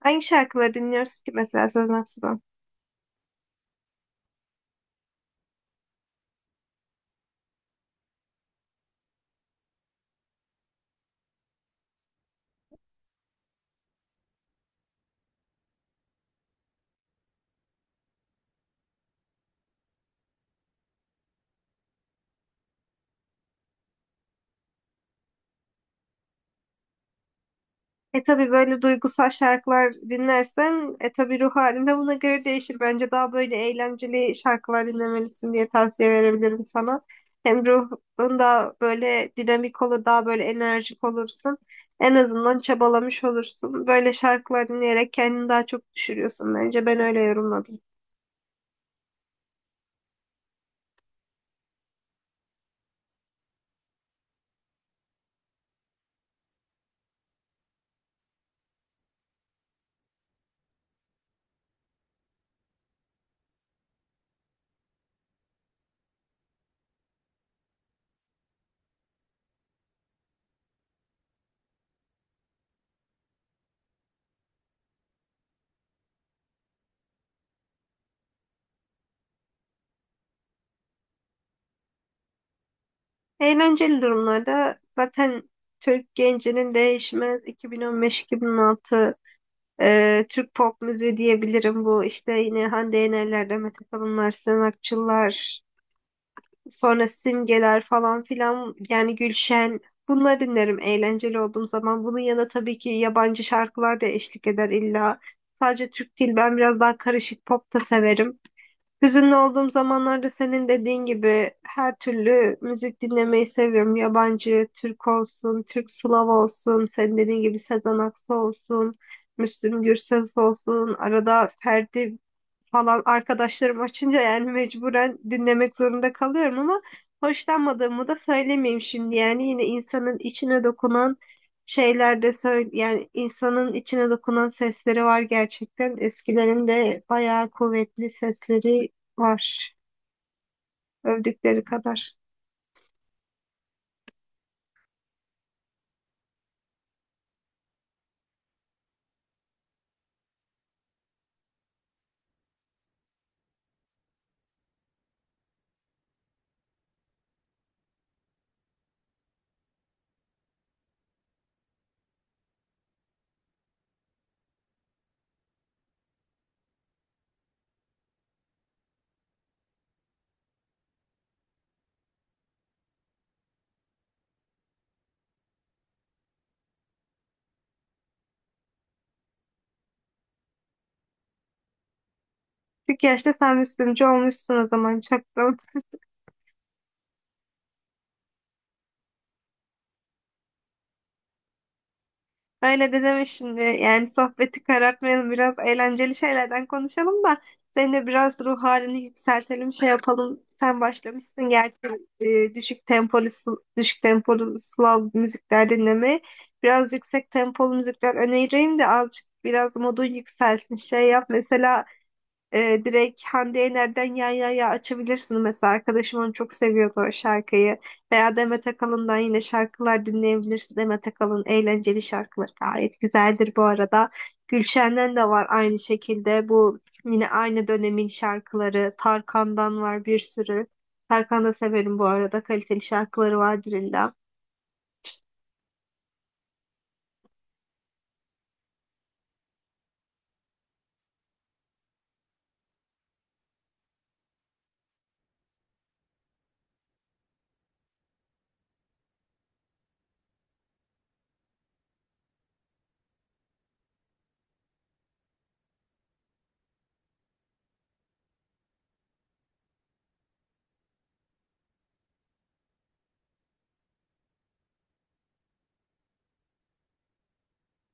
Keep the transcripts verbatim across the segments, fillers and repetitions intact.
Hangi şarkıları dinliyoruz ki mesela Sezen Aksu'dan? E tabii böyle duygusal şarkılar dinlersen e tabii ruh halin de buna göre değişir. Bence daha böyle eğlenceli şarkılar dinlemelisin diye tavsiye verebilirim sana. Hem ruhun da böyle dinamik olur, daha böyle enerjik olursun. En azından çabalamış olursun. Böyle şarkılar dinleyerek kendini daha çok düşürüyorsun bence. Ben öyle yorumladım. Eğlenceli durumlarda zaten Türk gencinin değişmez iki bin on beş-iki bin on altı Ee, Türk pop müziği diyebilirim bu işte yine Hande Yener'ler, Demet Akalınlar, Sezen Aksu'lar, sonra Simgeler falan filan yani Gülşen bunları dinlerim eğlenceli olduğum zaman. Bunun yanında tabii ki yabancı şarkılar da eşlik eder illa. Sadece Türk değil ben biraz daha karışık pop da severim. Hüzünlü olduğum zamanlarda senin dediğin gibi her türlü müzik dinlemeyi seviyorum. Yabancı, Türk olsun, Türk Slav olsun, senin dediğin gibi Sezen Aksu olsun, Müslüm Gürses olsun, arada Ferdi falan arkadaşlarım açınca yani mecburen dinlemek zorunda kalıyorum ama hoşlanmadığımı da söylemeyeyim şimdi. Yani yine insanın içine dokunan şeyler de söyle yani insanın içine dokunan sesleri var gerçekten. Eskilerin de bayağı kuvvetli sesleri var övdükleri kadar. Çünkü yaşta sen Müslümcü olmuşsun o zaman çaktım. Öyle de deme şimdi. Yani sohbeti karartmayalım. Biraz eğlenceli şeylerden konuşalım da senin de biraz ruh halini yükseltelim, şey yapalım. Sen başlamışsın gerçi e, düşük tempolu sl- düşük tempolu Slav müzikler dinlemeye. Biraz yüksek tempolu müzikler önereyim de azıcık biraz modun yükselsin. Şey yap mesela e, direkt Hande Yener'den Ya Ya Ya açabilirsin mesela. Arkadaşım onu çok seviyordu o şarkıyı. Veya Demet Akalın'dan yine şarkılar dinleyebilirsin. Demet Akalın eğlenceli şarkıları gayet güzeldir bu arada. Gülşen'den de var aynı şekilde. Bu yine aynı dönemin şarkıları. Tarkan'dan var bir sürü. Tarkan'ı da severim bu arada. Kaliteli şarkıları vardır illa.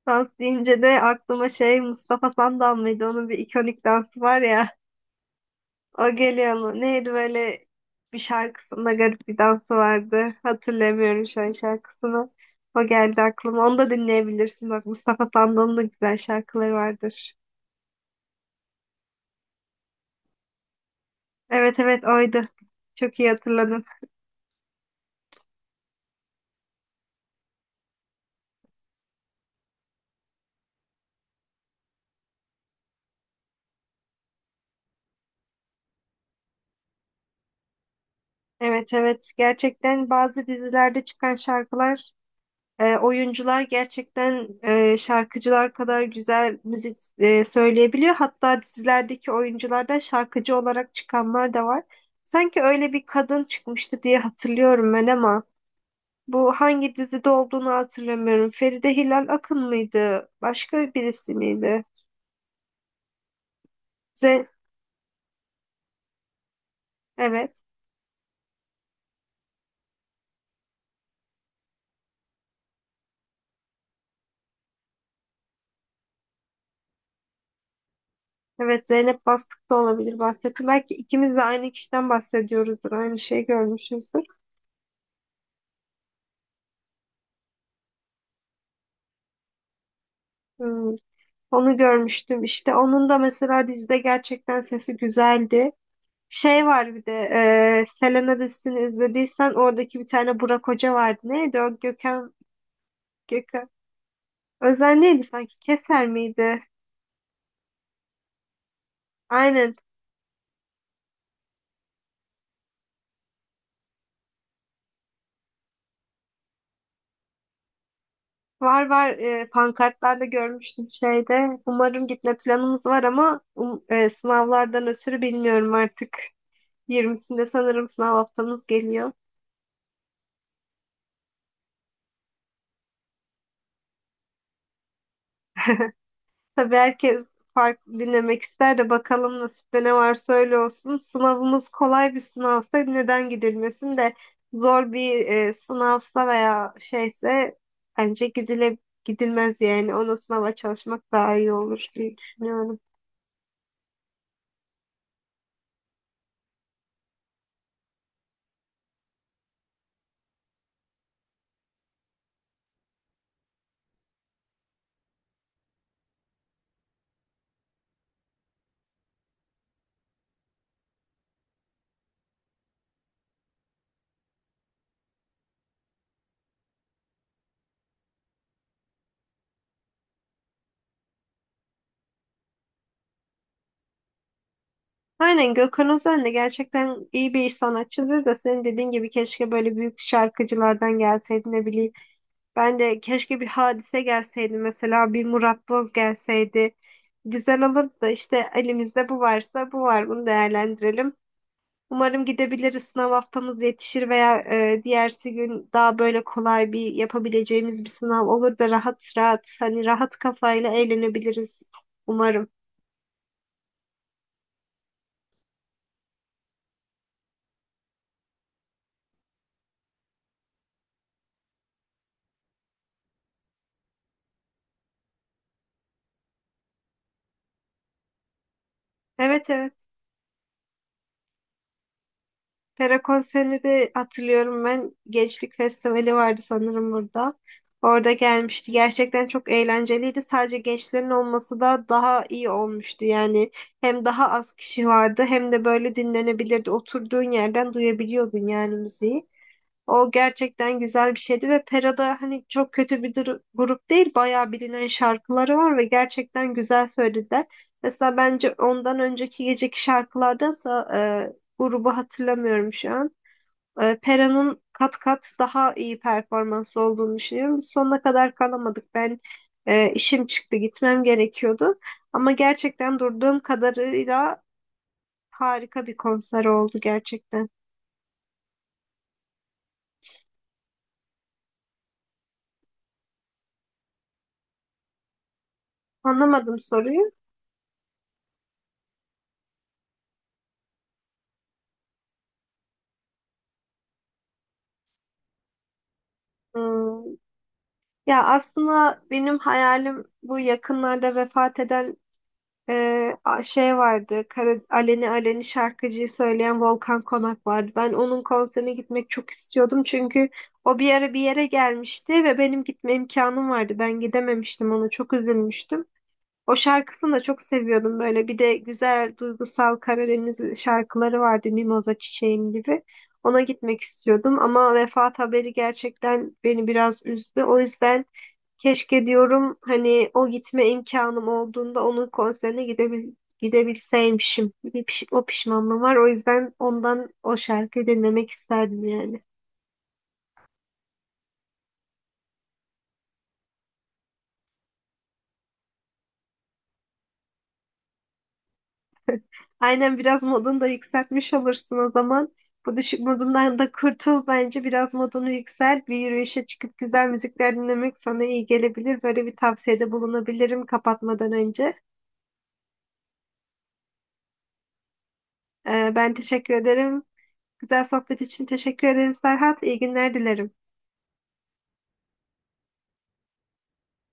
Dans deyince de aklıma şey Mustafa Sandal mıydı? Onun bir ikonik dansı var ya. O geliyor mu? Neydi böyle bir şarkısında garip bir dansı vardı. Hatırlamıyorum şu an şarkısını. O geldi aklıma. Onu da dinleyebilirsin. Bak Mustafa Sandal'ın da güzel şarkıları vardır. Evet, evet, oydu. Çok iyi hatırladım. Evet, evet, gerçekten bazı dizilerde çıkan şarkılar. E, oyuncular gerçekten e, şarkıcılar kadar güzel müzik e, söyleyebiliyor. Hatta dizilerdeki oyunculardan şarkıcı olarak çıkanlar da var. Sanki öyle bir kadın çıkmıştı diye hatırlıyorum ben ama bu hangi dizide olduğunu hatırlamıyorum. Feride Hilal Akın mıydı? Başka birisi miydi? Z evet. Evet, Zeynep Bastık da olabilir bahsettim. Belki ikimiz de aynı kişiden bahsediyoruzdur. Aynı şeyi görmüşüzdür. Hmm, Onu görmüştüm işte. Onun da mesela dizide gerçekten sesi güzeldi. Şey var bir de e, Selena dizisini izlediysen oradaki bir tane Burak Hoca vardı. Neydi o? Gökhan, Gökhan. Özen neydi sanki? Keser miydi? Aynen. Var, var, e, pankartlarda görmüştüm şeyde. Umarım gitme planımız var ama um- e, sınavlardan ötürü bilmiyorum artık. yirmisinde sanırım sınav haftamız geliyor. Tabii herkes farklı dinlemek ister de bakalım nasipte ne varsa öyle olsun. Sınavımız kolay bir sınavsa neden gidilmesin de zor bir e, sınavsa veya şeyse bence gidile gidilmez yani. Ona sınava çalışmak daha iyi olur diye düşünüyorum. Aynen Gökhan Özen de gerçekten iyi bir sanatçıdır da senin dediğin gibi keşke böyle büyük şarkıcılardan gelseydi ne bileyim. Ben de keşke bir hadise gelseydi mesela bir Murat Boz gelseydi. Güzel olurdu da işte elimizde bu varsa bu var, bunu değerlendirelim. Umarım gidebiliriz, sınav haftamız yetişir veya e, diğersi gün daha böyle kolay bir yapabileceğimiz bir sınav olur da rahat rahat hani rahat kafayla eğlenebiliriz umarım. Evet, evet. Pera konserini de hatırlıyorum ben. Gençlik Festivali vardı sanırım burada. Orada gelmişti. Gerçekten çok eğlenceliydi. Sadece gençlerin olması da daha iyi olmuştu. Yani hem daha az kişi vardı hem de böyle dinlenebilirdi. Oturduğun yerden duyabiliyordun yani müziği. O gerçekten güzel bir şeydi ve Pera'da hani çok kötü bir duru- grup değil, bayağı bilinen şarkıları var ve gerçekten güzel söylediler. Mesela bence ondan önceki geceki şarkılardansa e, grubu hatırlamıyorum şu an. E, Pera'nın kat kat daha iyi performanslı olduğunu düşünüyorum. Biz sonuna kadar kalamadık. Ben e, işim çıktı, gitmem gerekiyordu. Ama gerçekten durduğum kadarıyla harika bir konser oldu gerçekten. Anlamadım soruyu. Hmm. Ya aslında benim hayalim bu yakınlarda vefat eden e, a- şey vardı. Kara, Aleni Aleni şarkıcıyı söyleyen Volkan Konak vardı. Ben onun konserine gitmek çok istiyordum çünkü o bir ara bir yere gelmişti ve benim gitme imkanım vardı. Ben gidememiştim, ona çok üzülmüştüm. O şarkısını da çok seviyordum böyle. Bir de güzel duygusal Karadeniz şarkıları vardı Mimoza Çiçeğim gibi. Ona gitmek istiyordum ama vefat haberi gerçekten beni biraz üzdü. O yüzden keşke diyorum hani o gitme imkanım olduğunda onun konserine gidebil gidebilseymişim. Bir piş- o pişmanlığım var. O yüzden ondan o şarkıyı dinlemek isterdim yani. Aynen, biraz modunu da yükseltmiş olursun o zaman. Bu düşük modundan da kurtul bence. Biraz modunu yükselt. Bir yürüyüşe çıkıp güzel müzikler dinlemek sana iyi gelebilir. Böyle bir tavsiyede bulunabilirim kapatmadan önce. Ee, ben teşekkür ederim. Güzel sohbet için teşekkür ederim Serhat. İyi günler dilerim.